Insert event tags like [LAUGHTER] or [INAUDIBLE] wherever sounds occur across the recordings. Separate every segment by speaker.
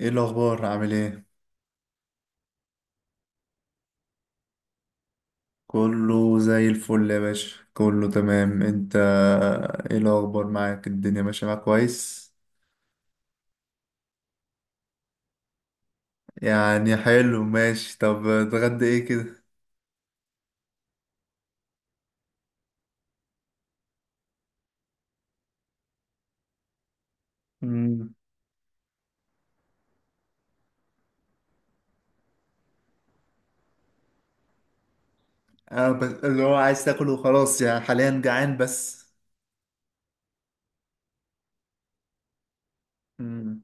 Speaker 1: ايه الاخبار، عامل ايه؟ كله زي الفل يا باشا، كله تمام انت؟ ايه الاخبار معاك، الدنيا ماشيه معاك كويس؟ يعني حلو، ماشي. طب اتغدى ايه كده؟ امم. انا بس اللي هو عايز تاكل وخلاص، يعني حاليا جعان بس. امم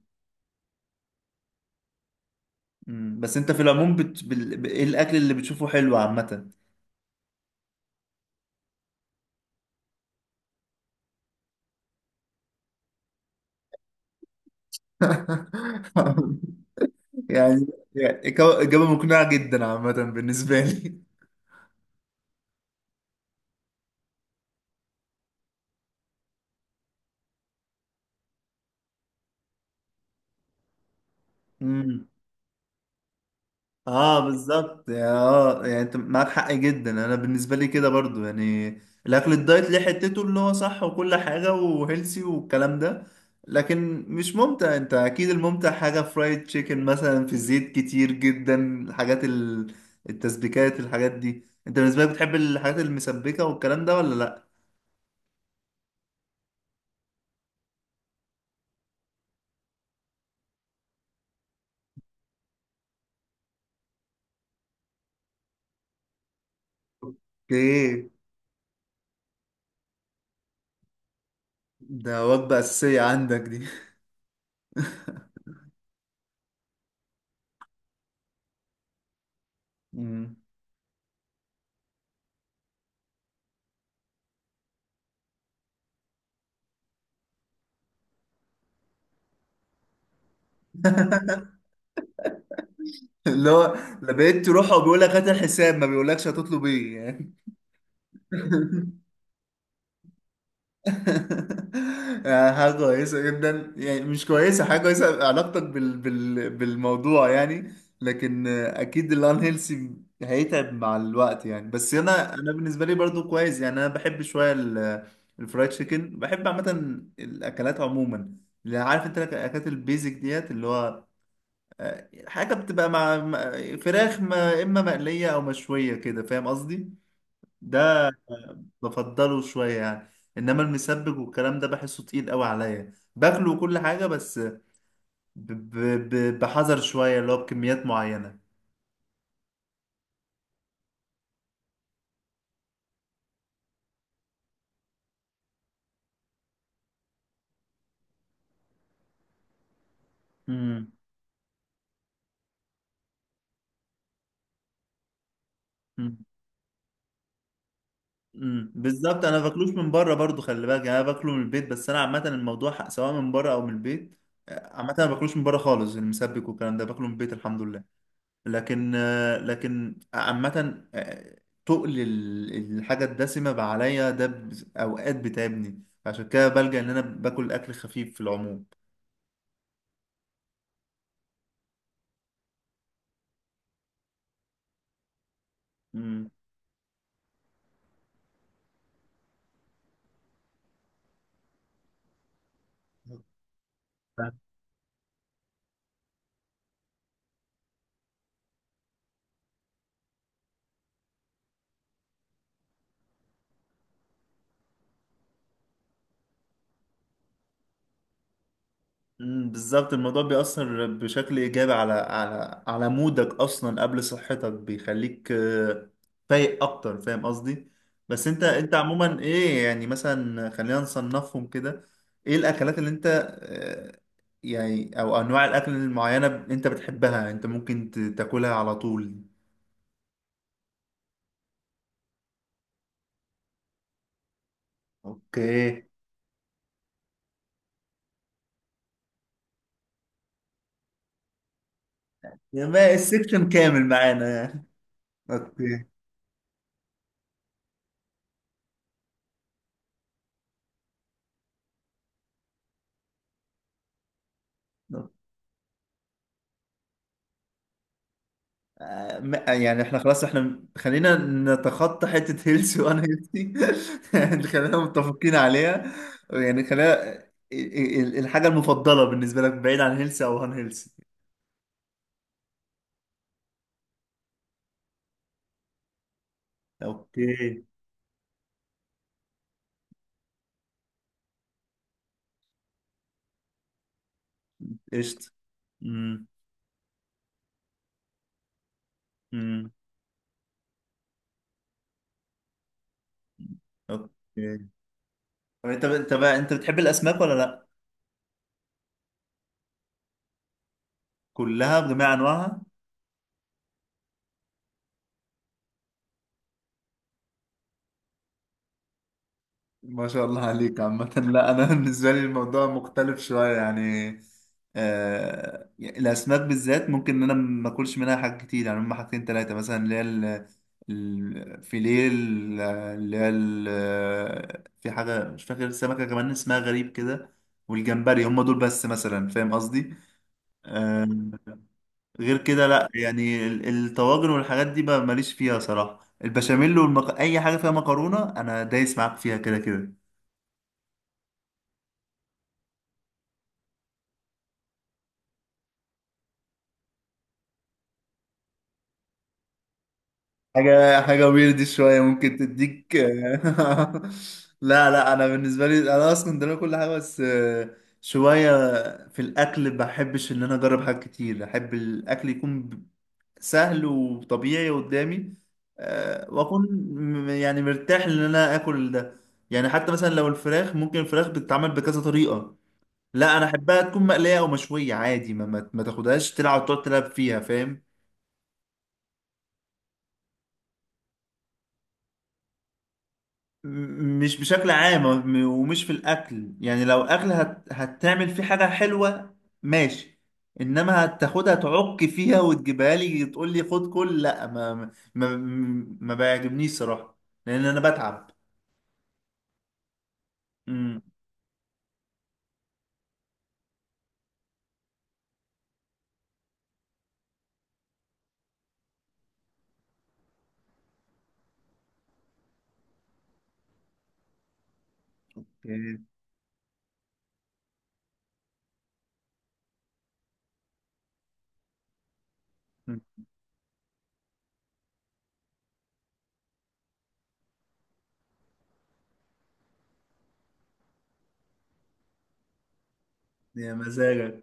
Speaker 1: بس انت في العموم ايه الاكل اللي بتشوفه حلو عامه؟ [LAUGHS] يعني. يعني إجابة مقنعة جدا عامة بالنسبة لي. اه بالظبط، اه يعني انت معاك حق جدا. انا بالنسبه لي كده برضو، يعني الاكل الدايت ليه حتته اللي هو صح وكل حاجه وهيلسي والكلام ده، لكن مش ممتع. انت اكيد الممتع حاجه فرايد تشيكن مثلا في زيت كتير جدا. الحاجات التسبيكات، الحاجات دي انت بالنسبه لك بتحب الحاجات المسبكه والكلام ده ولا لا؟ ايه، ده وجبه اساسيه عندك دي؟ مم. [LAUGHS] اللي هو لما بقيت تروح وبيقول لك هات الحساب، ما بيقولكش هتطلب ايه يعني. [LAUGHS] [LAUGHS] يعني حاجة كويسة جدا، يعني مش كويسة، حاجة كويسة علاقتك بالموضوع يعني. لكن أكيد الان هيلسي، هيتعب مع الوقت يعني. بس أنا بالنسبة لي برضو كويس. يعني أنا بحب شوية الفرايد تشيكن، بحب عامة الأكلات عموما. اللي عارف أنت الأكلات البيزك ديت، اللي هو حاجة بتبقى مع فراخ ما، إما مقلية أو مشوية كده. فاهم قصدي؟ ده بفضله شوية يعني. انما المسبك والكلام ده بحسه تقيل قوي عليا باكله وكل حاجة، بس بحذر شوية، اللي هو بكميات معينة. امم امم بالظبط، انا باكلوش من بره برضو، خلي بالك، يعني انا باكله من البيت. بس انا عامة الموضوع سواء من بره او من البيت. عامة انا باكلوش من بره خالص، المسبك والكلام ده باكله من البيت، الحمد لله. لكن عامة، تقل الحاجة الدسمة بقى عليا ده أوقات بتعبني. عشان كده بلجأ إن أنا باكل أكل خفيف في العموم. مم. بالظبط، الموضوع بيأثر بشكل إيجابي على مودك أصلا قبل صحتك. بيخليك فايق أكتر. فاهم قصدي؟ بس أنت عموما إيه، يعني مثلا خلينا نصنفهم كده. إيه الأكلات اللي أنت آه، يعني، أو أنواع الأكل المعينة أنت بتحبها، أنت ممكن تاكلها على طول؟ أوكي. يبقى السكشن كامل معانا يعني. أوكي. يعني احنا خلاص، احنا خلينا نتخطى حتة هيلثي وانا هيلثي، [LAUGHS] يعني خلينا متفقين عليها. يعني خلينا الحاجة المفضلة بالنسبة لك بعيد عن هيلثي او هان هيلثي. اوكي. قشطة. امم امم اوكي. طب انت بقى، انت بتحب الاسماك ولا لا؟ كلها بجميع انواعها؟ ما شاء الله عليك عامة. لا، أنا [LAUGHS] بالنسبة لي الموضوع مختلف شوية يعني. آه، الأسماك بالذات ممكن إن أنا ما أكلش منها حاجات كتير. يعني هما حاجتين تلاتة مثلا، اللي هي الفيليه، في حاجة مش فاكر سمكة كمان اسمها غريب كده، والجمبري. هما دول بس مثلا، فاهم قصدي؟ آه. غير كده لا، يعني الطواجن والحاجات دي بقى ماليش فيها صراحة. البشاميل أي حاجة فيها مكرونة أنا دايس معاك فيها كده كده. حاجة حاجة ويرد شوية ممكن تديك. [LAUGHS] لا، لا، أنا بالنسبة لي أنا أصلا ده كل حاجة. بس شوية في الأكل بحبش إن أنا أجرب حاجات كتير. أحب الأكل يكون سهل وطبيعي قدامي، وأكون يعني مرتاح إن أنا آكل ده. يعني حتى مثلا لو الفراخ، ممكن الفراخ بتتعمل بكذا طريقة، لا أنا أحبها تكون مقلية أو مشوية عادي. ما تاخدهاش تلعب وتقعد تلعب فيها، فاهم. مش بشكل عام، ومش في الاكل يعني. لو اكل هتعمل فيه حاجه حلوه، ماشي. انما هتاخدها تعك فيها وتجيبها لي تقول لي خد كل، لا ما ما ما بيعجبنيش صراحه، لان انا بتعب. امم يا يا مزاجك.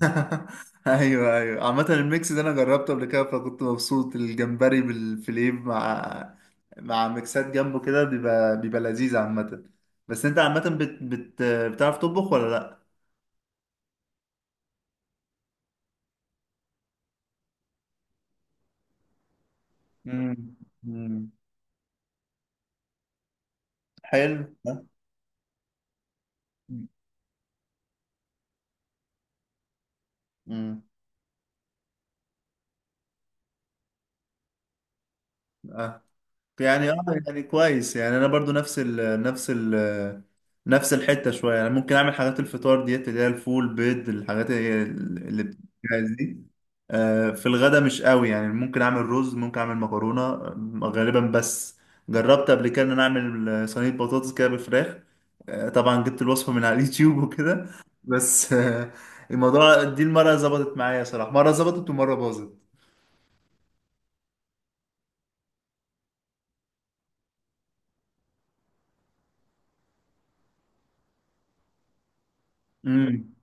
Speaker 1: [LAUGHS] ايوه، ايوه، عامة الميكس ده انا جربته قبل كده فكنت مبسوط. الجمبري بالفليه مع ميكسات جنبه كده، بيبقى لذيذ عامة. بس انت عامة بتعرف تطبخ ولا لا؟ مم. مم. حلو، ها؟ امم يعني اه، يعني كويس، يعني انا برضو نفس ال نفس الحته شويه يعني. ممكن اعمل حاجات الفطار ديت، اللي هي الفول، بيض، الحاجات اللي بتتجهز دي. آه، في الغدا مش قوي، يعني ممكن اعمل رز، ممكن اعمل مكرونه غالبا. بس جربت قبل كده ان انا اعمل صينيه بطاطس كده بالفراخ. طبعا جبت الوصفه من على [LAUGHS] اليوتيوب وكده. بس الموضوع دي المره ظبطت معايا صراحه، مره ظبطت ومره باظت. امم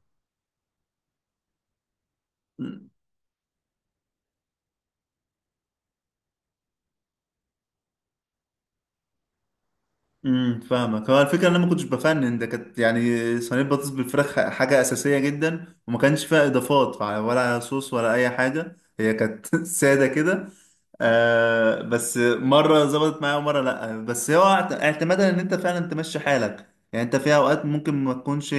Speaker 1: فاهمك. هو الفكره ان انا ما كنتش بفنن، ده كانت يعني صينيه بطاطس بالفراخ، حاجه اساسيه جدا وما كانش فيها اضافات، ولا صوص ولا اي حاجه، هي كانت [LAUGHS] ساده كده. آه، بس مره ظبطت معايا ومره لا. بس هو اعتمادا ان انت فعلا تمشي حالك. يعني انت في اوقات ممكن ما تكونش،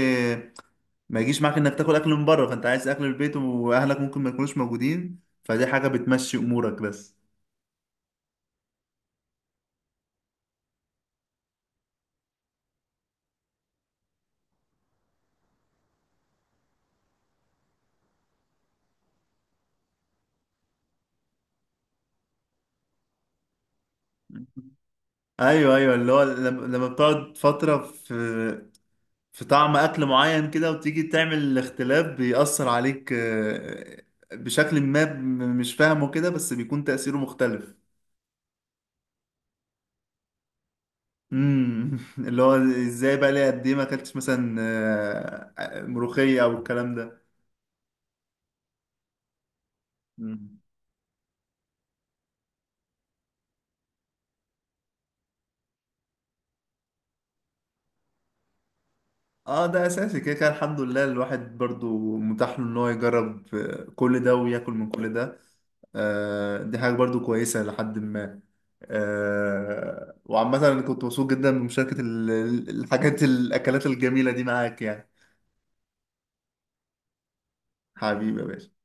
Speaker 1: ما يجيش معاك انك تاكل اكل من بره، فانت عايز اكل البيت واهلك ممكن ما يكونوش موجودين، فدي حاجه بتمشي امورك بس. ايوه، ايوه، اللي هو لما بتقعد فتره في طعم اكل معين كده وتيجي تعمل اختلاف، بيأثر عليك بشكل ما مش فاهمه كده. بس بيكون تأثيره مختلف. [LAUGHS] اللي هو ازاي بقى، ليه قد ايه ما اكلتش مثلا ملوخية او الكلام ده. اه، ده اساسي كده كده، الحمد لله. الواحد برضو متاح له ان هو يجرب كل ده وياكل من كل ده. آه، دي حاجه برضو كويسه لحد ما. آه وعامه انا كنت مبسوط جدا بمشاركه ال- ال- الحاجات الاكلات الجميله دي معاك يعني. حبيبي يا باشا.